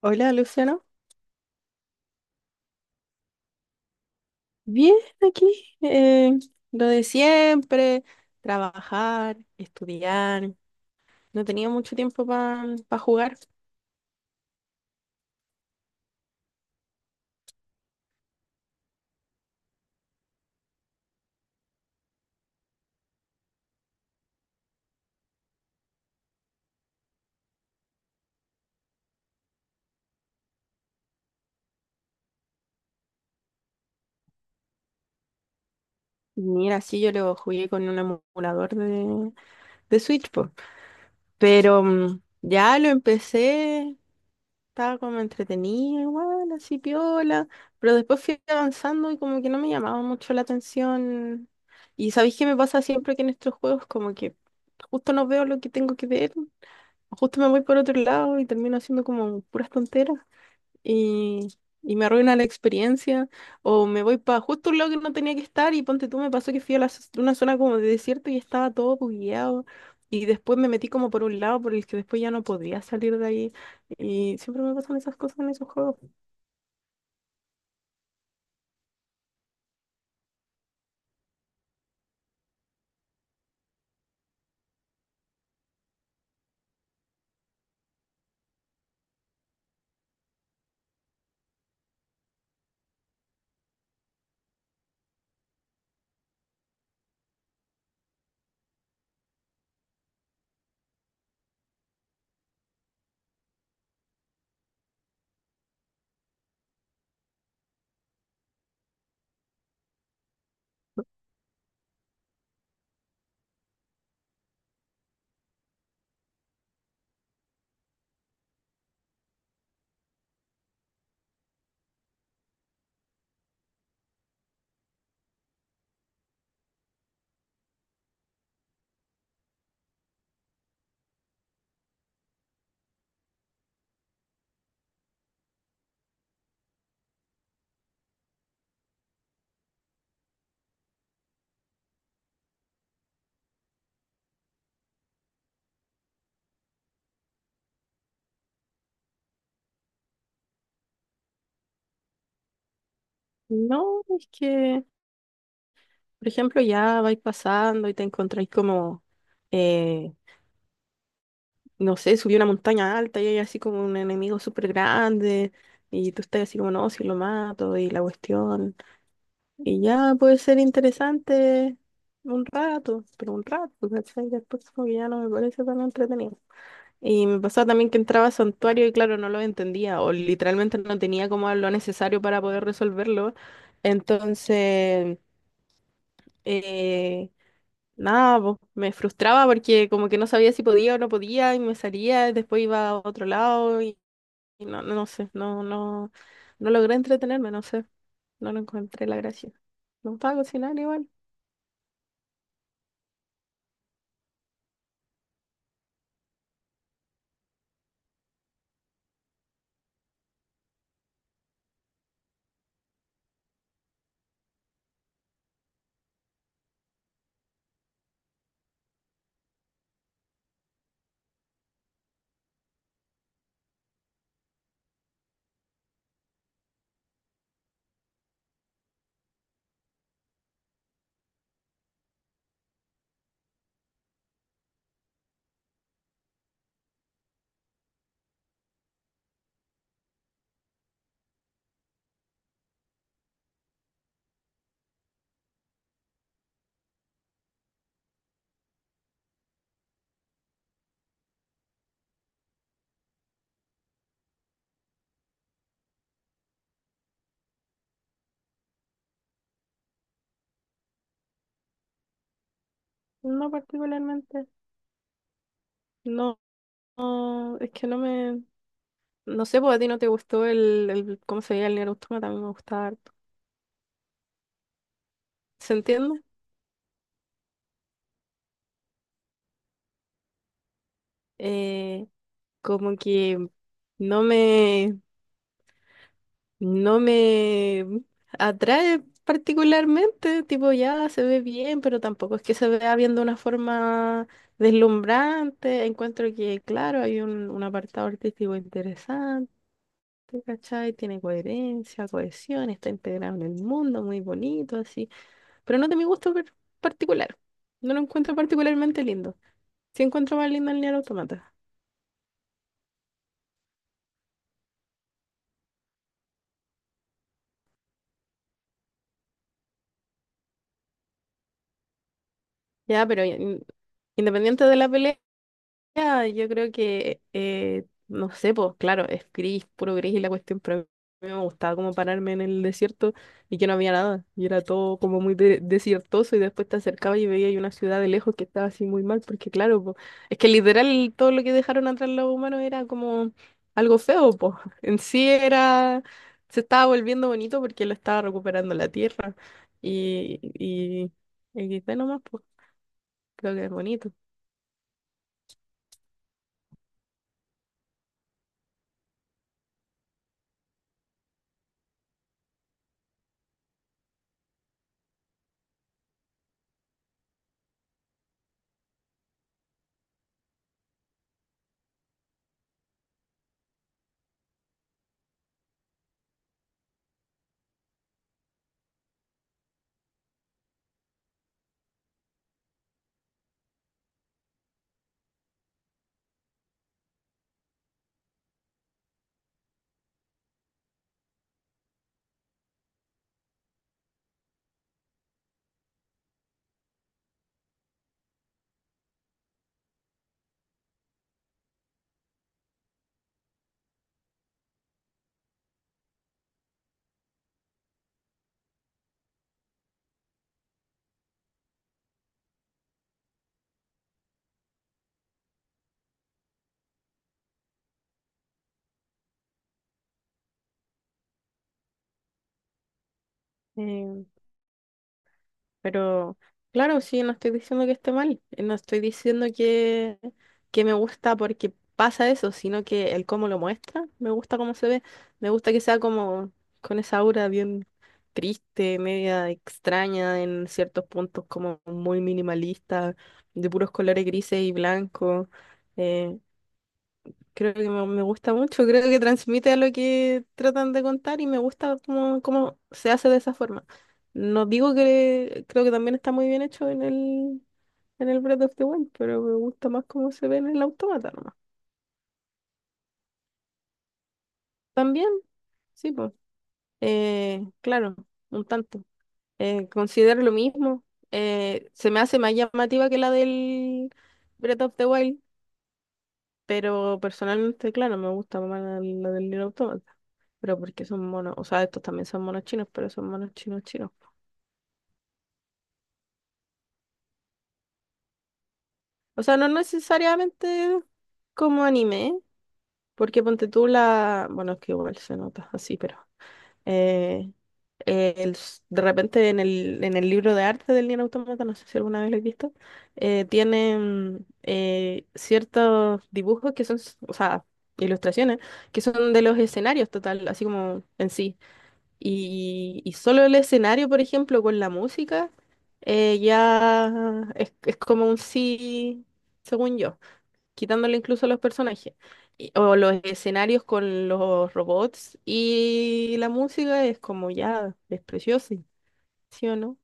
Hola, Luciano. Bien, aquí. eh, lo de siempre, trabajar, estudiar. No tenía mucho tiempo para jugar. Mira, sí, yo lo jugué con un emulador de Switch, po. Pero mm, ya lo empecé, estaba como entretenido, igual, así piola. Pero después fui avanzando y como que no me llamaba mucho la atención. Y sabéis que me pasa siempre que en estos juegos, como que justo no veo lo que tengo que ver. Justo me voy por otro lado y termino haciendo como puras tonteras y, y me arruina la experiencia, o me voy para justo un lado que no tenía que estar. Y ponte tú, me pasó que fui a la una zona como de desierto y estaba todo bugueado, y después me metí como por un lado por el que después ya no podía salir de ahí, y siempre me pasan esas cosas en esos juegos. No, es que, por ejemplo, ya vais pasando y te encontráis como... eh, no sé, subió una montaña alta y hay así como un enemigo súper grande, y tú estás así como, no, si lo mato y la cuestión. Y ya puede ser interesante un rato, pero un rato, ¿cachai? Después como que ya no me parece tan entretenido. Y me pasaba también que entraba a santuario y claro, no lo entendía, o literalmente no tenía como lo necesario para poder resolverlo. Entonces... eh, nada, po, me frustraba porque como que no sabía si podía o no podía y me salía y después iba a otro lado, y no, no, no sé, no logré entretenerme, no sé, no lo encontré la gracia. Me gustaba cocinar igual, no particularmente, no, no, es que no sé, porque a ti no te gustó el cómo se veía el Nier Automata, a mí me gustaba harto. ¿Se entiende? Eh, Como que no me, no me atrae particularmente, tipo ya se ve bien, pero tampoco es que se vea bien de una forma deslumbrante. Encuentro que, claro, hay un apartado artístico interesante, ¿cachai? Tiene coherencia, cohesión, está integrado en el mundo, muy bonito, así. Pero no de mi gusto particular. No lo encuentro particularmente lindo. Sí encuentro más lindo el Nier Automata. Ya, pero independiente de la pelea. Ya, yo creo que, no sé, pues claro, es gris, puro gris y la cuestión, pero a mí me gustaba como pararme en el desierto y que no había nada, y era todo como muy desiertoso, y después te acercaba y veía ahí una ciudad de lejos que estaba así muy mal, porque claro, pues es que literal todo lo que dejaron atrás los humanos era como algo feo, pues en sí era, se estaba volviendo bonito porque lo estaba recuperando la tierra y, y, XD nomás, pues creo que es bonito. Eh, Pero claro, sí, no estoy diciendo que esté mal, no estoy diciendo que me gusta porque pasa eso, sino que el cómo lo muestra, me gusta cómo se ve, me gusta que sea como con esa aura bien triste, media extraña en ciertos puntos, como muy minimalista, de puros colores grises y blancos. eh, Creo que me gusta mucho, creo que transmite a lo que tratan de contar y me gusta cómo se hace de esa forma. No digo que creo que también está muy bien hecho en el Breath of the Wild, pero me gusta más cómo se ve en el Autómata nomás. También, sí, pues, claro, un tanto. Considero lo mismo. Se me hace más llamativa que la del Breath of the Wild. Pero personalmente, claro, me gusta más la del Nier Automata. Pero porque son monos, o sea, estos también son monos chinos, pero son monos chinos chinos. O sea, no necesariamente como anime, porque ponte tú la... Bueno, es que igual se nota así, pero... eh, el de repente en el libro de arte del Nier Automata, no sé si alguna vez lo he visto, tienen ciertos dibujos que son, o sea, ilustraciones, que son de los escenarios total, así como en sí. Y solo el escenario, por ejemplo, con la música, ya es como un sí, según yo, quitándole incluso a los personajes. Y o los escenarios con los robots y la música es como ya, es precioso, ¿sí o no?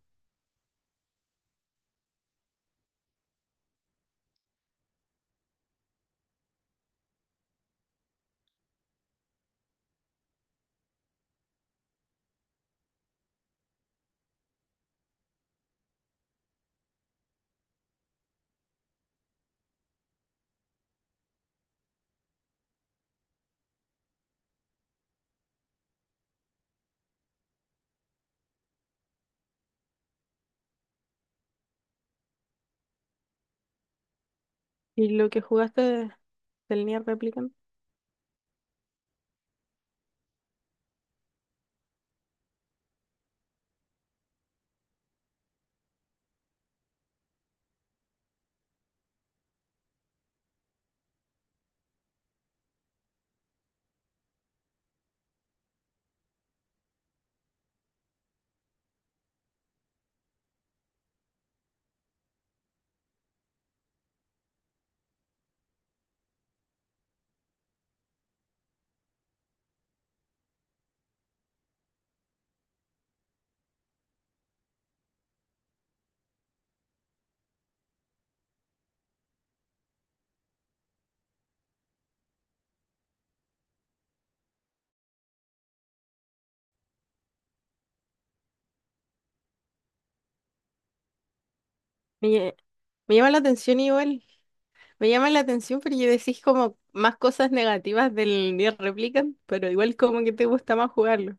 Y lo que jugaste del Nier Replicant. Me, lle- Me llama la atención igual, me llama la atención porque decís como más cosas negativas del Nier Replicant, pero igual como que te gusta más jugarlo.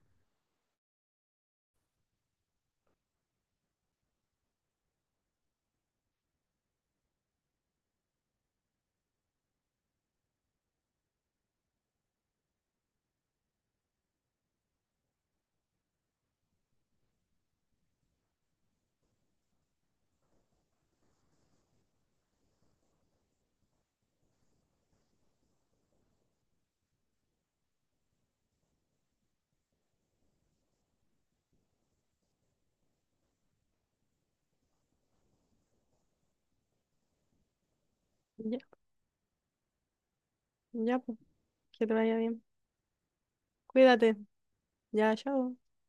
Ya, pues, que te vaya bien. Cuídate. Ya, chao.